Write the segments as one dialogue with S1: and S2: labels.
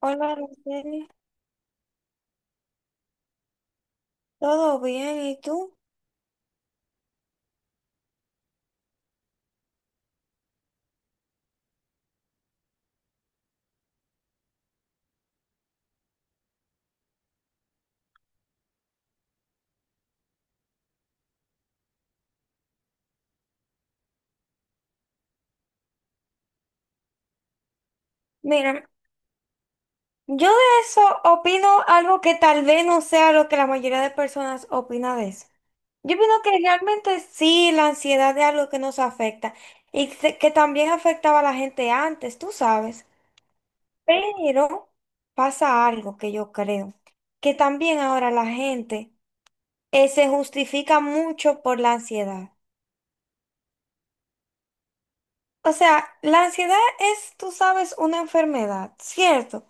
S1: Hola, Araceli. ¿Todo bien? ¿Y tú? Mira, yo de eso opino algo que tal vez no sea lo que la mayoría de personas opina de eso. Yo opino que realmente sí, la ansiedad es algo que nos afecta y que también afectaba a la gente antes, tú sabes. Pero pasa algo que yo creo, que también ahora la gente se justifica mucho por la ansiedad. O sea, la ansiedad es, tú sabes, una enfermedad, ¿cierto?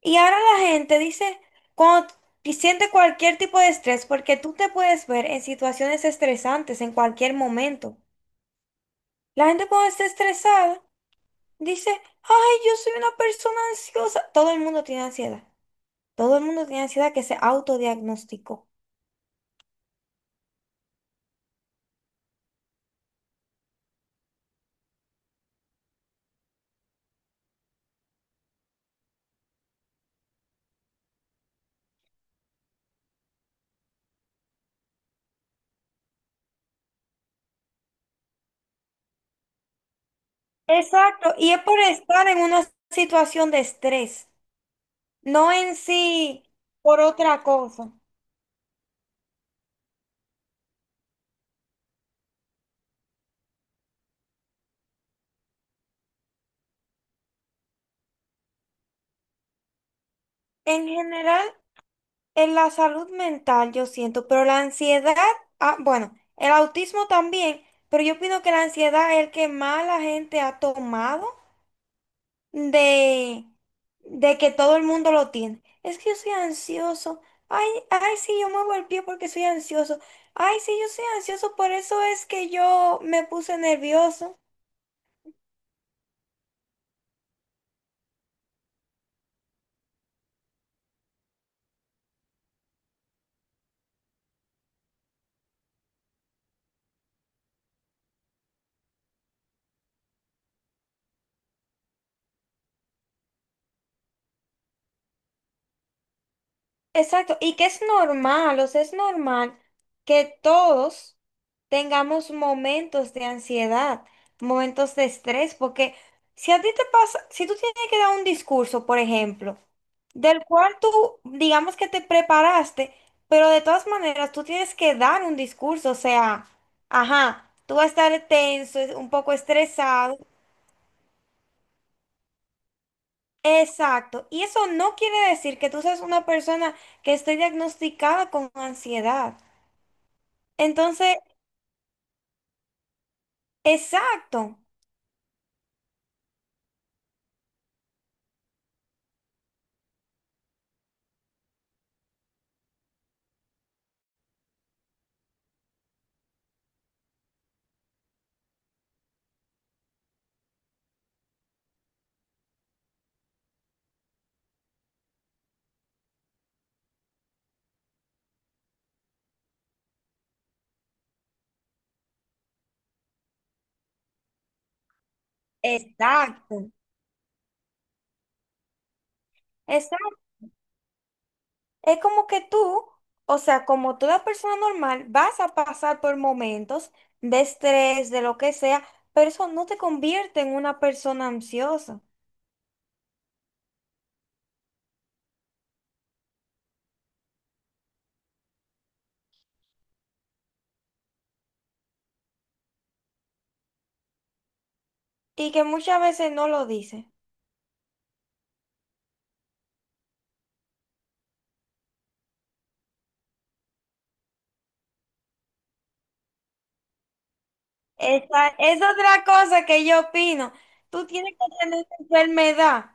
S1: Y ahora la gente dice, cuando siente cualquier tipo de estrés, porque tú te puedes ver en situaciones estresantes en cualquier momento. La gente cuando está estresada dice, ay, yo soy una persona ansiosa. Todo el mundo tiene ansiedad. Todo el mundo tiene ansiedad que se autodiagnosticó. Exacto, y es por estar en una situación de estrés, no en sí por otra cosa. En general, en la salud mental, yo siento, pero la ansiedad, ah, bueno, el autismo también, pero yo opino que la ansiedad es el que más la gente ha tomado de, de que todo el mundo lo tiene. Es que yo soy ansioso. Ay, ay, sí, yo muevo el pie porque soy ansioso. Ay, sí, yo soy ansioso, por eso es que yo me puse nervioso. Exacto, y que es normal, o sea, es normal que todos tengamos momentos de ansiedad, momentos de estrés, porque si a ti te pasa, si tú tienes que dar un discurso, por ejemplo, del cual tú, digamos que te preparaste, pero de todas maneras tú tienes que dar un discurso, o sea, ajá, tú vas a estar tenso, un poco estresado. Exacto, y eso no quiere decir que tú seas una persona que esté diagnosticada con ansiedad. Entonces, exacto, exacto, exacto. Es como que tú, o sea, como toda persona normal, vas a pasar por momentos de estrés, de lo que sea, pero eso no te convierte en una persona ansiosa y que muchas veces no lo dice. Esa es otra cosa que yo opino. Tú tienes que tener esta enfermedad.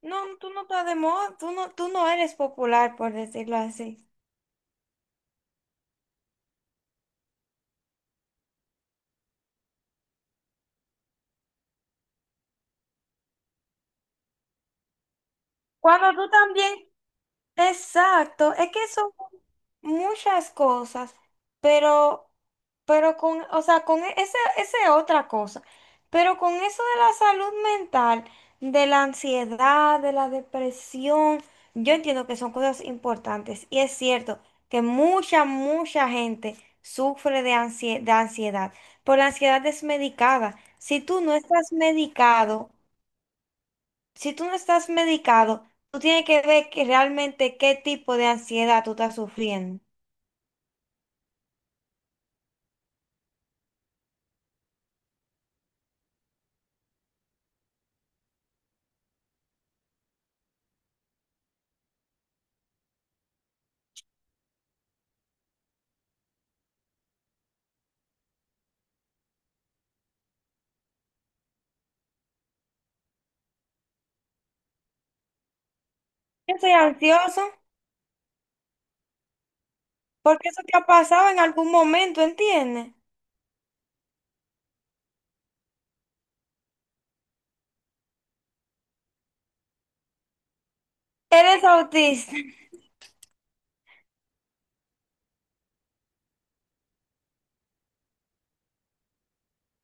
S1: No, tú no estás de moda, tú no eres popular, por decirlo así. Cuando tú también exacto, es que son muchas cosas, pero, pero con, o sea, esa, esa es otra cosa, pero con eso de la salud mental, de la ansiedad, de la depresión, yo entiendo que son cosas importantes y es cierto que mucha, mucha gente de ansiedad, pero la ansiedad es medicada. Si tú no estás medicado, si tú no estás medicado, tú tienes que ver que realmente qué tipo de ansiedad tú estás sufriendo. Yo soy ansioso porque eso te ha pasado en algún momento, ¿entiendes? Eres autista.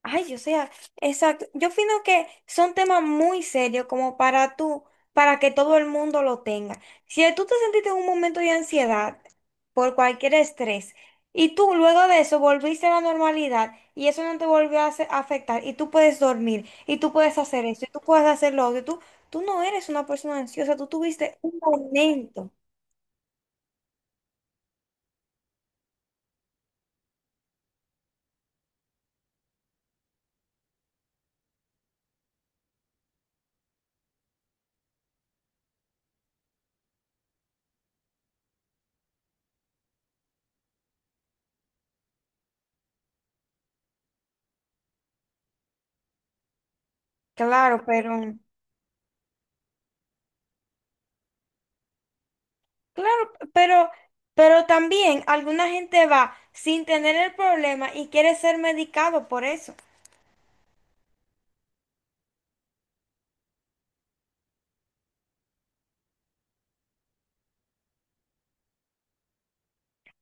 S1: Ay, o sea, exacto. Yo opino que son temas muy serios como para tú, para que todo el mundo lo tenga. Si tú te sentiste en un momento de ansiedad por cualquier estrés y tú luego de eso volviste a la normalidad y eso no te volvió a afectar y tú puedes dormir y tú puedes hacer esto y tú puedes hacer lo otro, y tú no eres una persona ansiosa, tú tuviste un momento. Claro, pero... Claro, pero, pero también alguna gente va sin tener el problema y quiere ser medicado por eso.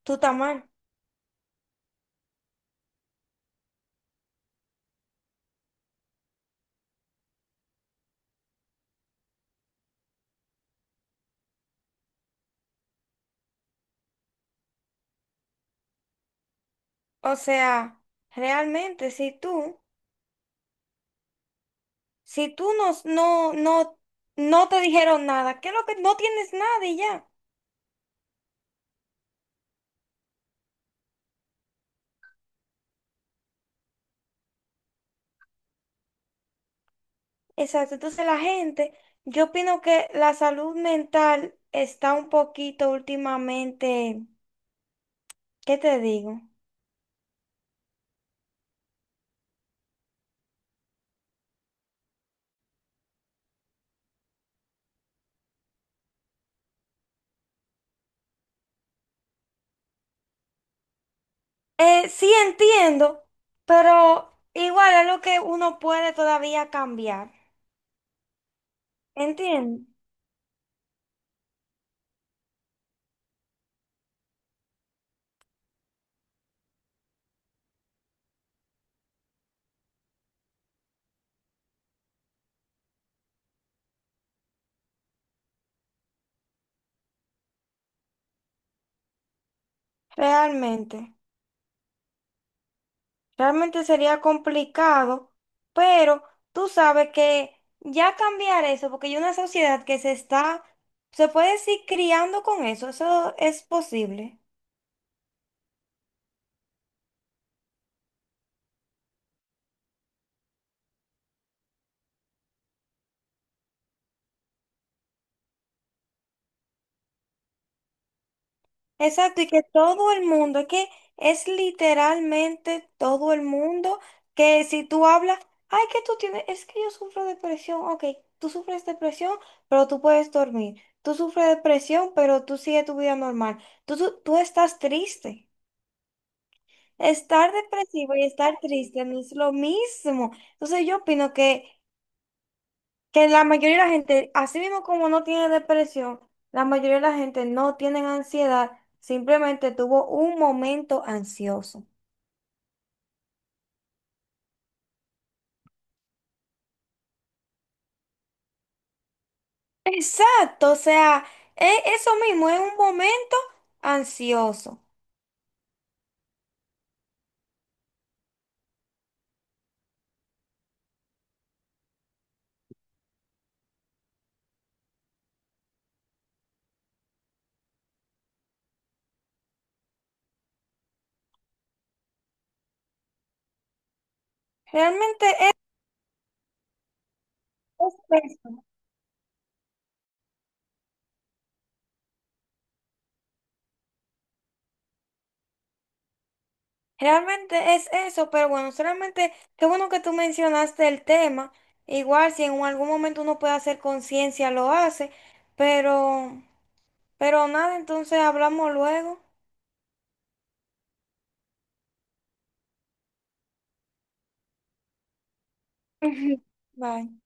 S1: Tú estás mal. O sea, realmente, si tú, si tú no, no, no, no te dijeron nada, ¿qué es lo que no tienes nada y ya? Exacto. Entonces la gente, yo opino que la salud mental está un poquito últimamente, ¿qué te digo? Sí entiendo, pero igual es lo que uno puede todavía cambiar. Entiendo, realmente, realmente sería complicado, pero tú sabes que ya cambiar eso, porque hay una sociedad que se está, se puede decir, criando con eso, eso es posible. Exacto, y que todo el mundo, es que es literalmente todo el mundo que si tú hablas, ay, que tú tienes, es que yo sufro depresión, ok, tú sufres depresión, pero tú puedes dormir, tú sufres depresión, pero tú sigues tu vida normal, tú estás triste. Estar depresivo y estar triste no es lo mismo. Entonces yo opino que la mayoría de la gente, así mismo como no tiene depresión, la mayoría de la gente no tiene ansiedad, simplemente tuvo un momento ansioso. Exacto, o sea, eso mismo, es un momento ansioso. Realmente es eso. Realmente es eso, pero bueno, solamente qué bueno que tú mencionaste el tema. Igual si en algún momento uno puede hacer conciencia, lo hace, pero, pero nada, entonces hablamos luego. Bye.